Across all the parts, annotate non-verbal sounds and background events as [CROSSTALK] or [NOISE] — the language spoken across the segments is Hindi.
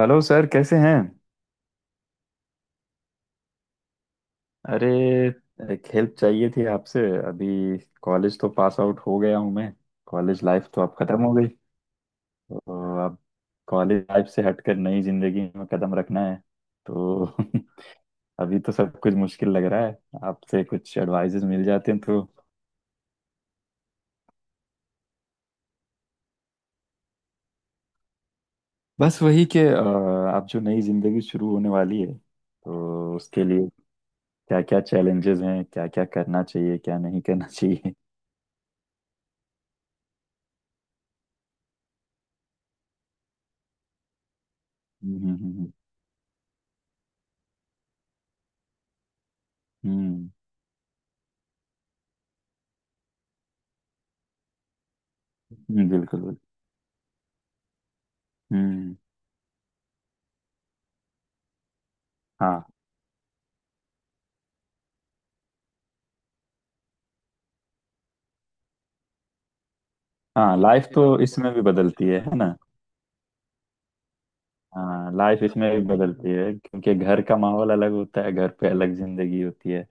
हेलो सर, कैसे हैं? अरे, एक हेल्प चाहिए थी आपसे। अभी कॉलेज तो पास आउट हो गया हूँ मैं। कॉलेज लाइफ तो अब खत्म हो गई। तो अब कॉलेज लाइफ से हटकर नई जिंदगी में कदम रखना है। तो [LAUGHS] अभी तो सब कुछ मुश्किल लग रहा है। आपसे कुछ एडवाइजेस मिल जाते हैं, तो बस वही कि आप जो नई जिंदगी शुरू होने वाली है तो उसके लिए क्या क्या चैलेंजेस हैं, क्या क्या करना चाहिए, क्या नहीं करना चाहिए? [LAUGHS] हम्म, हम्म, हम्म, हम्म, बिल्कुल बिल्कुल। हम्म। हाँ। हाँ, लाइफ ये तो इसमें भी बदलती है ना। हाँ, लाइफ इसमें भी बदलती है क्योंकि घर का माहौल अलग होता है, घर पे अलग जिंदगी होती है।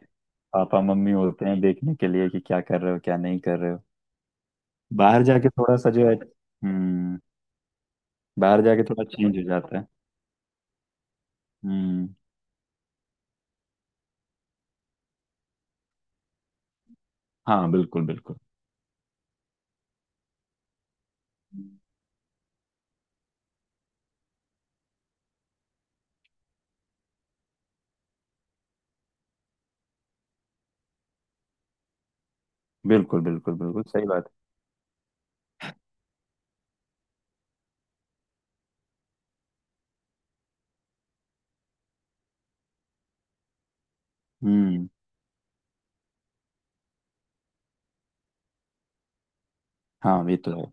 पापा मम्मी होते हैं देखने के लिए कि क्या कर रहे हो, क्या नहीं कर रहे हो। बाहर जाके थोड़ा सा जो है, हम्म। बाहर जाके थोड़ा चेंज हो जाता है। हम्म। हाँ बिल्कुल बिल्कुल। बिल्कुल बिल्कुल बिल्कुल सही बात है। हम्म। हाँ ये तो है।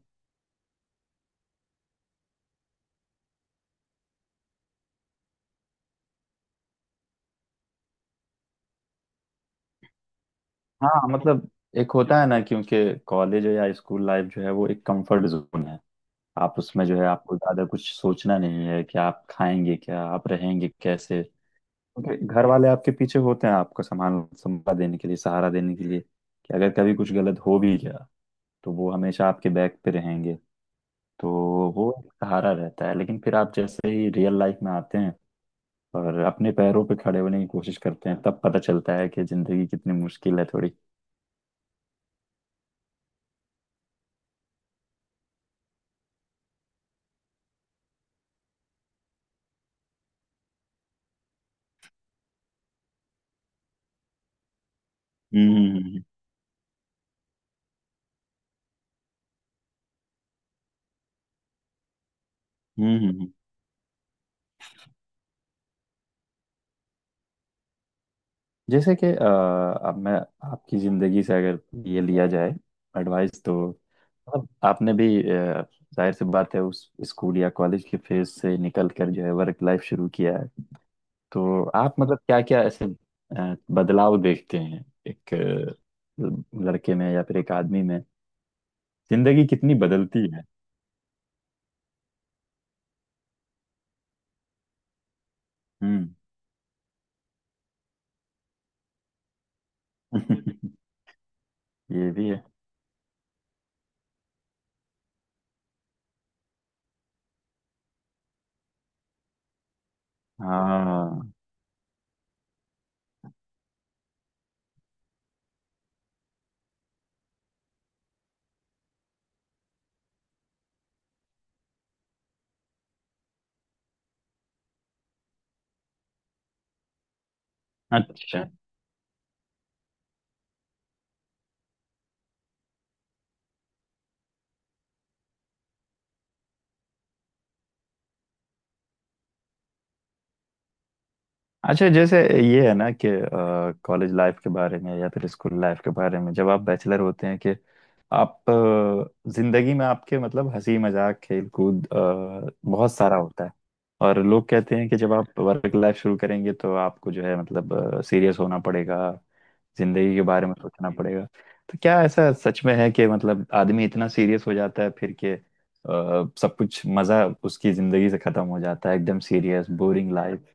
हाँ मतलब, एक होता है ना, क्योंकि कॉलेज या स्कूल लाइफ जो है वो एक कंफर्ट जोन है। आप उसमें जो है, आपको ज्यादा कुछ सोचना नहीं है कि आप खाएंगे क्या, आप रहेंगे कैसे, क्योंकि घर वाले आपके पीछे होते हैं, आपको सामान संभाल देने के लिए, सहारा देने के लिए, कि अगर कभी कुछ गलत हो भी गया तो वो हमेशा आपके बैक पे रहेंगे। तो वो एक सहारा रहता है। लेकिन फिर आप जैसे ही रियल लाइफ में आते हैं और अपने पैरों पे खड़े होने की कोशिश करते हैं, तब पता चलता है कि जिंदगी कितनी मुश्किल है थोड़ी। हम्म, हम्म, हम्म। जैसे कि अब मैं आपकी जिंदगी से अगर ये लिया जाए एडवाइस, तो मतलब आपने भी जाहिर सी बात है, उस स्कूल या कॉलेज के फेज से निकल कर जो है वर्क लाइफ शुरू किया है। तो आप मतलब क्या क्या ऐसे बदलाव देखते हैं एक लड़के में या फिर एक आदमी में? जिंदगी कितनी बदलती है? हम्म। [LAUGHS] ये भी है। हाँ। अच्छा। अच्छा, जैसे ये है ना कि कॉलेज लाइफ के बारे में या फिर स्कूल लाइफ के बारे में, जब आप बैचलर होते हैं कि आप जिंदगी में आपके, मतलब, हंसी मजाक खेल कूद बहुत सारा होता है। और लोग कहते हैं कि जब आप वर्क लाइफ शुरू करेंगे तो आपको जो है, मतलब, सीरियस होना पड़ेगा, जिंदगी के बारे में सोचना पड़ेगा। तो क्या ऐसा सच में है कि मतलब आदमी इतना सीरियस हो जाता है फिर के सब कुछ मजा उसकी जिंदगी से खत्म हो जाता है, एकदम सीरियस बोरिंग लाइफ?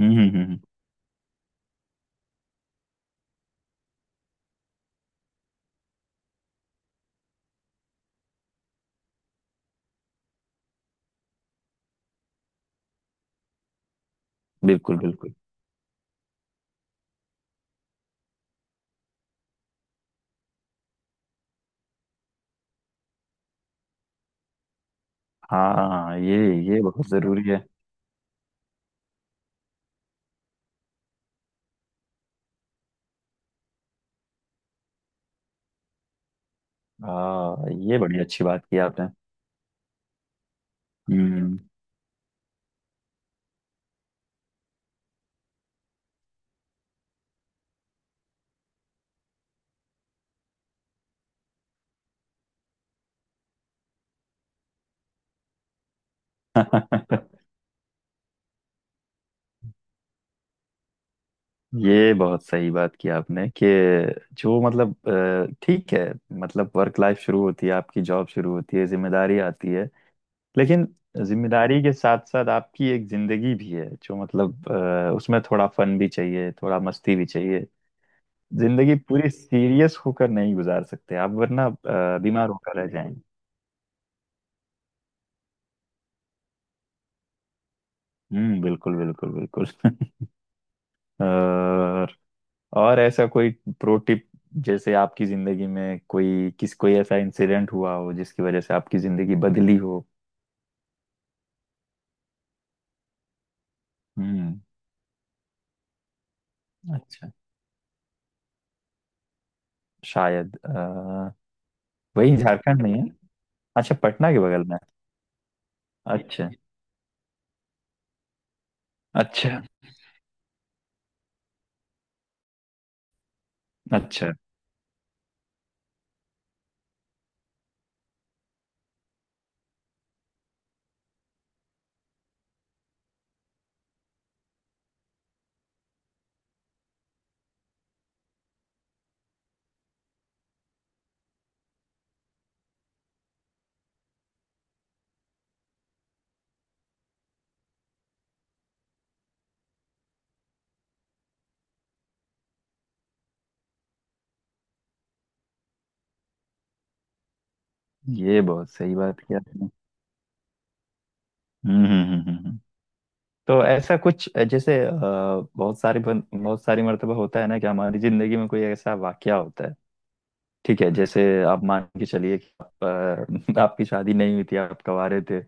हम्म, हम्म, हम्म, बिल्कुल बिल्कुल। हाँ ये बहुत जरूरी है। हाँ, ये बड़ी अच्छी बात की आपने। हम्म। [LAUGHS] ये बहुत सही बात की आपने कि जो मतलब ठीक है, मतलब वर्क लाइफ शुरू होती है, आपकी जॉब शुरू होती है, जिम्मेदारी आती है, लेकिन जिम्मेदारी के साथ साथ आपकी एक जिंदगी भी है, जो मतलब उसमें थोड़ा फन भी चाहिए, थोड़ा मस्ती भी चाहिए। जिंदगी पूरी सीरियस होकर नहीं गुजार सकते आप, वरना बीमार होकर रह जाएंगे। हम्म, बिल्कुल बिल्कुल बिल्कुल। [LAUGHS] और और ऐसा कोई प्रो टिप, जैसे आपकी जिंदगी में कोई ऐसा इंसिडेंट हुआ हो जिसकी वजह से आपकी जिंदगी बदली हो? हम्म। अच्छा। शायद वही झारखंड में है? अच्छा, पटना के बगल में है। अच्छा। अच्छा। अच्छा, ये बहुत सही बात किया आपने। हम्म, हम्म, हम्म, तो ऐसा कुछ, जैसे बहुत सारी मर्तबा होता है ना कि हमारी जिंदगी में कोई ऐसा वाकया होता है। ठीक है, जैसे आप मान के चलिए कि आप, [LAUGHS] आपकी शादी नहीं हुई थी, आप कवारे थे,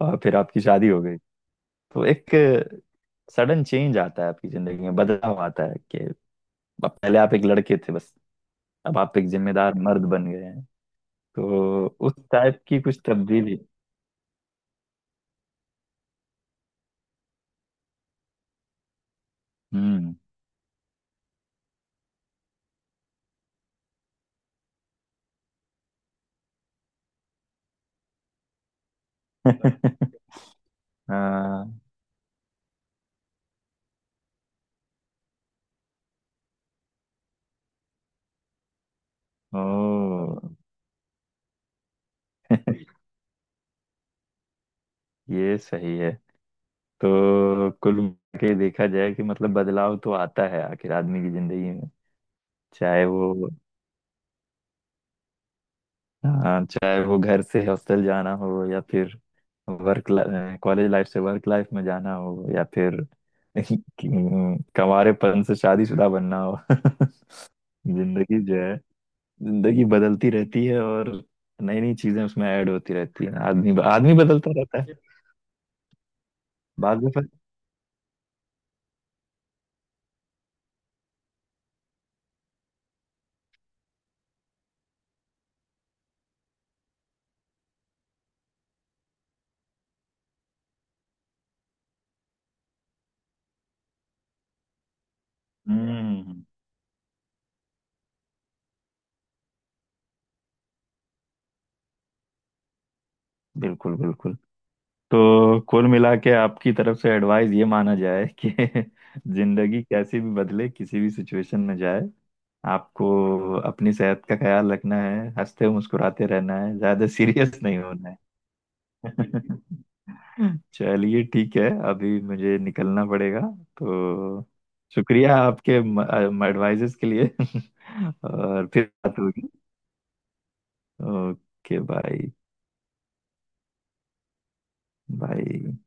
और फिर आपकी शादी हो गई। तो एक सडन चेंज आता है आपकी जिंदगी में, बदलाव आता है कि अब पहले आप एक लड़के थे बस, अब आप एक जिम्मेदार मर्द बन गए हैं। तो उस टाइप की कुछ तब्दीली। हम्म। [LAUGHS] हाँ। ओ। [LAUGHS] ये सही है। तो कुल मिला के देखा जाए कि मतलब बदलाव तो आता है आखिर आदमी की जिंदगी में, चाहे वो, हाँ, चाहे वो घर से हॉस्टल जाना हो या फिर वर्क, कॉलेज लाइफ से वर्क लाइफ में जाना हो, या फिर [LAUGHS] कंवारेपन से शादीशुदा बनना हो। [LAUGHS] जिंदगी जो है, जिंदगी बदलती रहती है और नई नई चीजें उसमें ऐड होती रहती है आदमी आदमी बदलता रहता है। बाद में फिर, हम्म, बिल्कुल बिल्कुल। तो कुल मिला के आपकी तरफ से एडवाइस ये माना जाए कि [LAUGHS] जिंदगी कैसी भी बदले, किसी भी सिचुएशन में जाए, आपको अपनी सेहत का ख्याल रखना है, हंसते मुस्कुराते रहना है, ज्यादा सीरियस नहीं होना है। [LAUGHS] चलिए ठीक है, अभी मुझे निकलना पड़ेगा। तो शुक्रिया आपके एडवाइजेस के लिए। [LAUGHS] और फिर बात होगी। Okay bye. बाय।